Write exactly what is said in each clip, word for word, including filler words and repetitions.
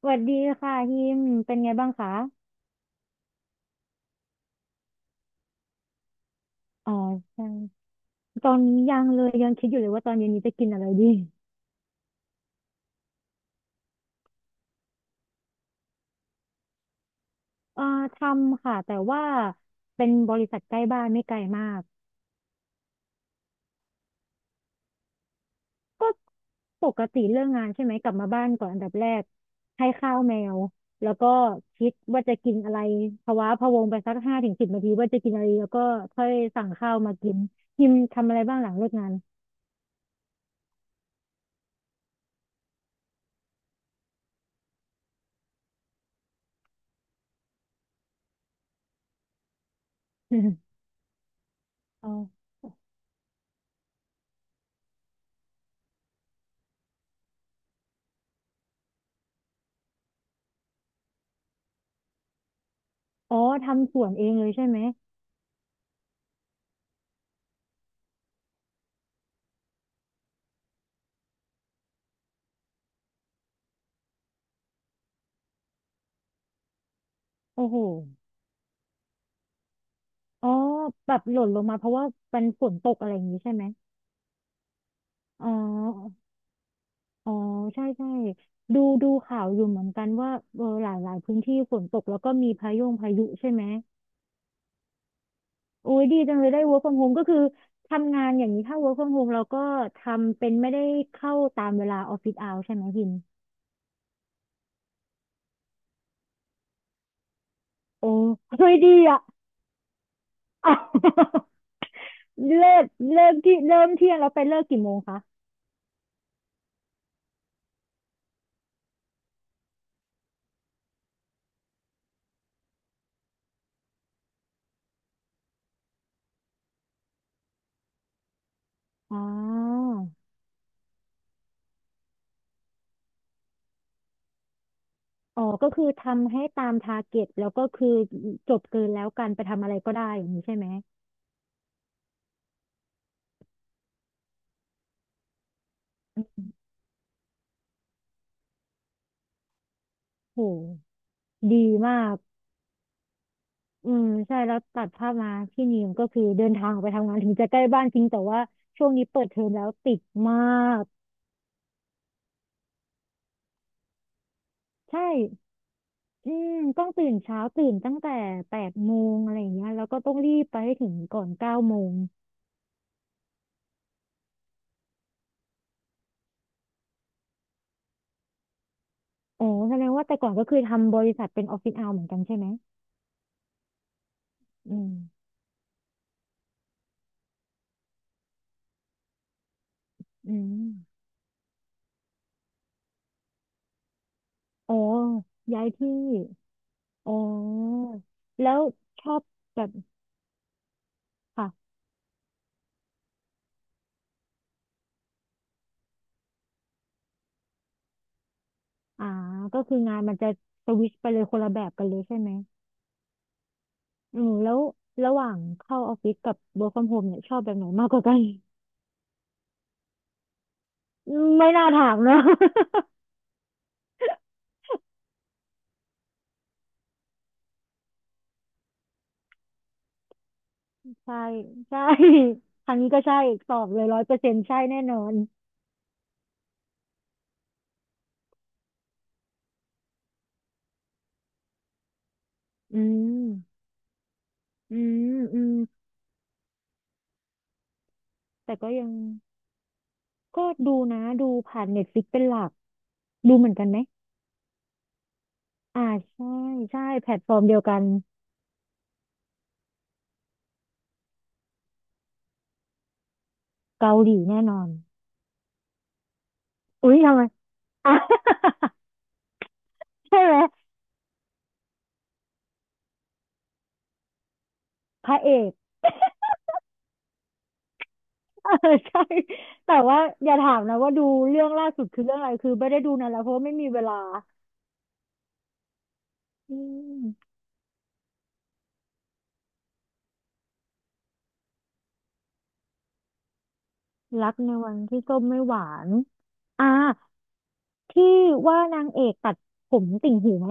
สวัสดีค่ะฮิมเป็นไงบ้างคะอ๋อใช่ตอนนี้ยังเลยยังคิดอยู่เลยว่าตอนเย็นนี้จะกินอะไรดีเอ่อทำค่ะแต่ว่าเป็นบริษัทใกล้บ้านไม่ไกลมากก็ปกติเรื่องงานใช่ไหมกลับมาบ้านก่อนอันดับแรกให้ข้าวแมวแล้วก็คิดว่าจะกินอะไรภาวะพะวงไปสักห้าถึงสิบนาทีว่าจะกินอะไรแล้วก็ค่อยสั่งข้าวมากินฮิมทำอะไรบ้างหลังเลิกงาน อ๋อ อ๋อทำสวนเองเลยใช่ไหมโอ้โห อ๋อแบบหล่นลงมาเพราะว่าเป็นฝนตกอะไรอย่างนี้ใช่ไหม อ๋ออ๋อใช่ใช่ดูดูข่าวอยู่เหมือนกันว่าเออหลายหลายพื้นที่ฝนตกแล้วก็มีพายุพายุใช่ไหมโอ้ยดีจังเลยได้ work from home ก็คือทำงานอย่างนี้ถ้า work from home เราก็ทำเป็นไม่ได้เข้าตามเวลาออฟฟิศเอาใช่ไหมพิมโอ้เฮ้ยดีอ่ะ เลิกเลิกที่เริ่มเที่ยงแล้วไปเลิกกี่โมงคะอ๋อ อ๋อก็คือทำให้ตามทาร์เก็ตแล้วก็คือจบเกินแล้วกันไปทำอะไรก็ได้อย่างนี้ใช่ไหมโหดีมากอืมใช่แล้วตัดภาพมาพี่นิมก็คือเดินทางออกไปทำงานถึงจะใกล้บ้านจริงแต่ว่าช่วงนี้เปิดเทอมแล้วติดมากใช่อืมต้องตื่นเช้าตื่นตั้งแต่แปดโมงอะไรอย่างเงี้ยแล้วก็ต้องรีบไปให้ถึงก่อนเก้าโมงโอ้แสดงว่าแต่ก่อนก็คือทำบริษัทเป็นออฟฟิศเอาเหมือนกันใช่ไหมอืมอืมอ๋อย้ายที่ อ๋อแล้วชอบแบบค่ะอ่าก็คืองานมันจะสวิชไปเลยคนละแบบกันเลยใช่ไหมอืมแล้วระหว่างเข้าออฟฟิศกับ work from home เนี่ยชอบแบบไหนมากกว่ากันไม่น่าถามนะ ใช่ใช่ทางนี้ก็ใช่ตอบเลยร้อยเปอร์เซ็นต์ใช่แน่นอนอืมอืมอืมแต่ก็ยังก็ดูนะดูผ่านเน็ตฟลิกเป็นหลักดูเหมือนกันไหมอ่าใช่ใช่แพลตฟอร์มเดียวกันเกาหลีแน่นอนอุ้ยทำไม อ่ะ ใช่ไหมพระเอก เออใช่แต่ว่าอย่าถามนะว่าดูเรื่องล่าสุดคือเรื่องอะไรคือไม่ได้ดูนานแล้วเพราะว่าไม่มีเวลาอืมรักในวันที่ส้มไม่หวานอ่าที่ว่านางเอกตัดผมติ่งหูไหม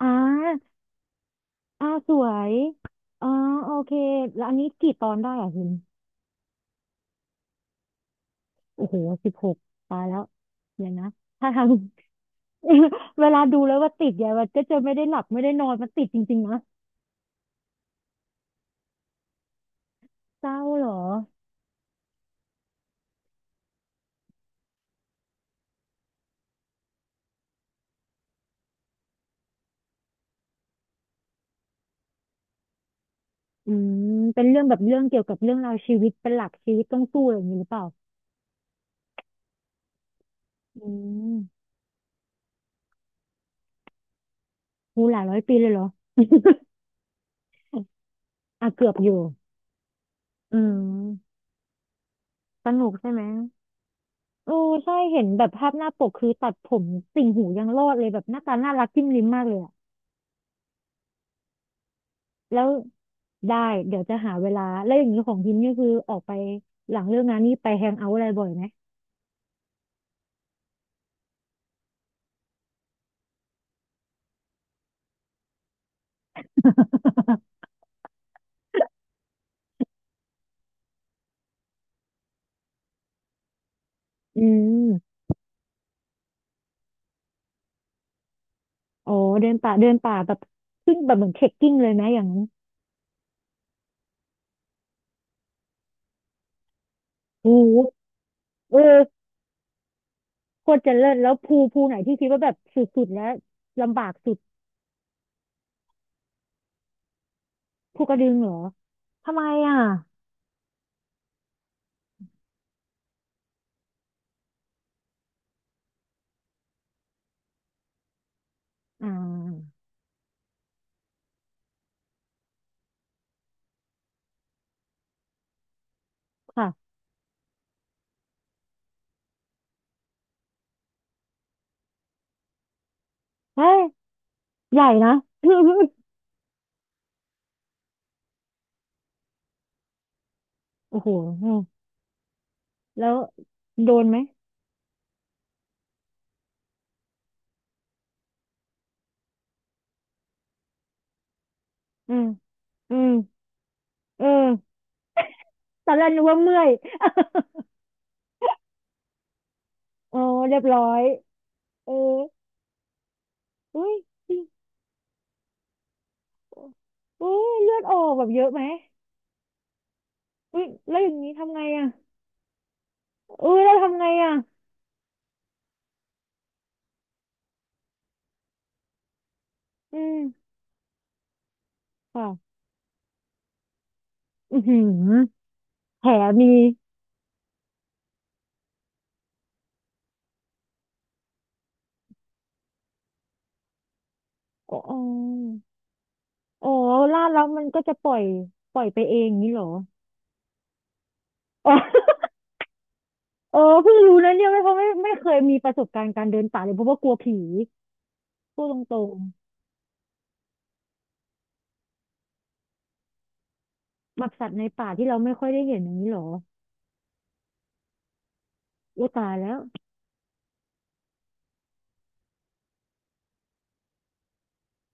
อ่าอ่าสวยอ่าโอเคแล้วอันนี้กี่ตอนได้อ่ะคุณโอ้โหสิบหกตายแล้วเดี๋ยวนะถ้าทาง เวลาดูแล้วว่าติดเนี่ยมันก็จะไม่ได้หลับไม่ได้นอนมันติดจริงๆนะเศร้าเหรอ อืมเป็นเรื่องแบบเรื่องเกี่ยวกับเรื่องราวชีวิตเป็นหลักชีวิตต้องสู้อะไรอย่างนี้หรือเปล่าอืมหูหลายร้อยปีเลยเหรออ่ะเกือบอยู่อืมสนุกใช่ไหมโอ้ใช่เห็นแบบภาพหน้าปกคือตัดผมติ่งหูยังรอดเลยแบบหน้าตาน่ารักจิ้มลิ้มมากเลยอะแล้วได้เดี๋ยวจะหาเวลาแล้วอย่างนี้ของพิมพ์นี่คือออกไปหลังเลิกงานนี่ไปแฮงเอาท์อะไรบ่อยไหม อืมอ๋อเดินป่าเดินป่าแบบขึ้นแบบเหมือนเทรคกิ้งเลยไหมอย่างนั้นโอ้โหเออ โคตรจะเลิศแล้วภูภูไหนที่คิดว่าแบบสุดๆแล้วลำบากสุดภูกระดึงเหรอทำไมอ่ะอ่าค่ะเฮ้ยใหญ่นะ โอ้โหอืมแล้วโดนไหมอืมอืมเออตอนแรกนึกว่าเมื่อย โอเรียบร้อยเอออุ้ยอุ้ยเลือดออกแบบเยอะไหมอุ้ยแล้วอย่างนี้ทำไงอ่ะอุ้ยแล้วทำไงอ่ะอืมค่ะอือหือแผลมีอ๋อ อ๋อลาดแล้วมันก็จะปล่อยปล่อยไปเองนี้เหรอ อ๋อ เออเพิ่งรู้นะเนี่ยไม่เพราะไม่ไม่เคยมีประสบการณ์การเดินป่าเลยเพราะว่ากลัวผีพูดตรงๆแบบสัตว์ในป่าที่เราไม่ค่อยได้เห็นอย่างนี้เหรอโอ้ตายแล้ว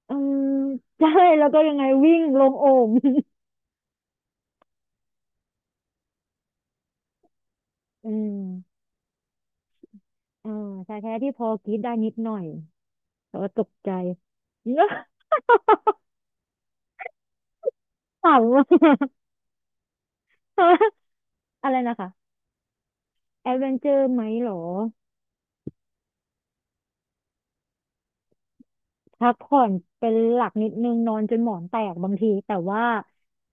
อืม ใช่แล้วก็ยังไงวิ่งลงโอ่ง อืมอ่าชายแท้ที่พอกรีดได้นิดหน่อยแต่ว่าตกใจ ขำอะ อะไรนะคะแอดเวนเจอร์ไหมเหรอ พักผ่อนเป็นหลักนิดนึงนอนจนหมอนแตกบางทีแต่ว่า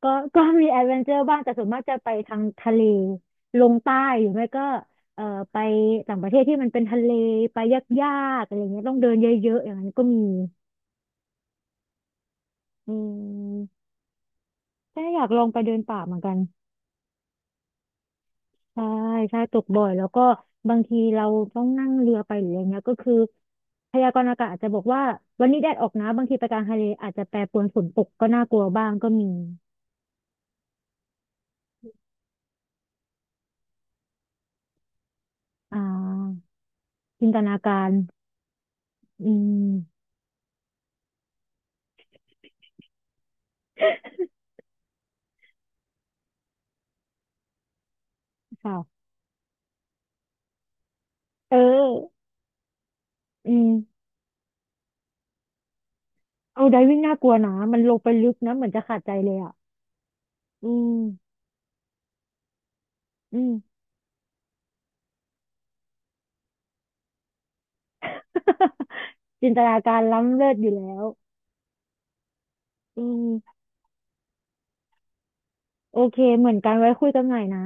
ก็ ก็มีแอดเวนเจอร์บ้างแต่ส่วนมากจะไปทางทะเลลงใต้หรือไม่ก็เอ่อไปต่างประเทศที่มันเป็นทะเลไปยากๆอะไรเงี้ยต้องเดินเยอะๆอย่างนั้นก็มีอืมใช่อยากลองไปเดินป่าเหมือนกันใช่ใช่ตกบ่อยแล้วก็บางทีเราต้องนั่งเรือไปหรืออะไรเงี้ยก็คือพยากรณ์อากาศอาจจะบอกว่าวันนี้แดดออกนะบางทีไปกลางทะเลอาจจะแปรปรวนฝนตกก็น่ากลัวบ้างก็มีอ่า จินตนาการ อืมเปล่าเอออืมเอาไดวิ่งน่ากลัวนะ มันลงไปลึกนะ เหมือนจะขาดใจเลยอ่ะ อืมอืม จินตนาการล้ำเลิศอยู่แล้ว อืมโอเค เหมือนกันไว้คุยกันใหม่นะ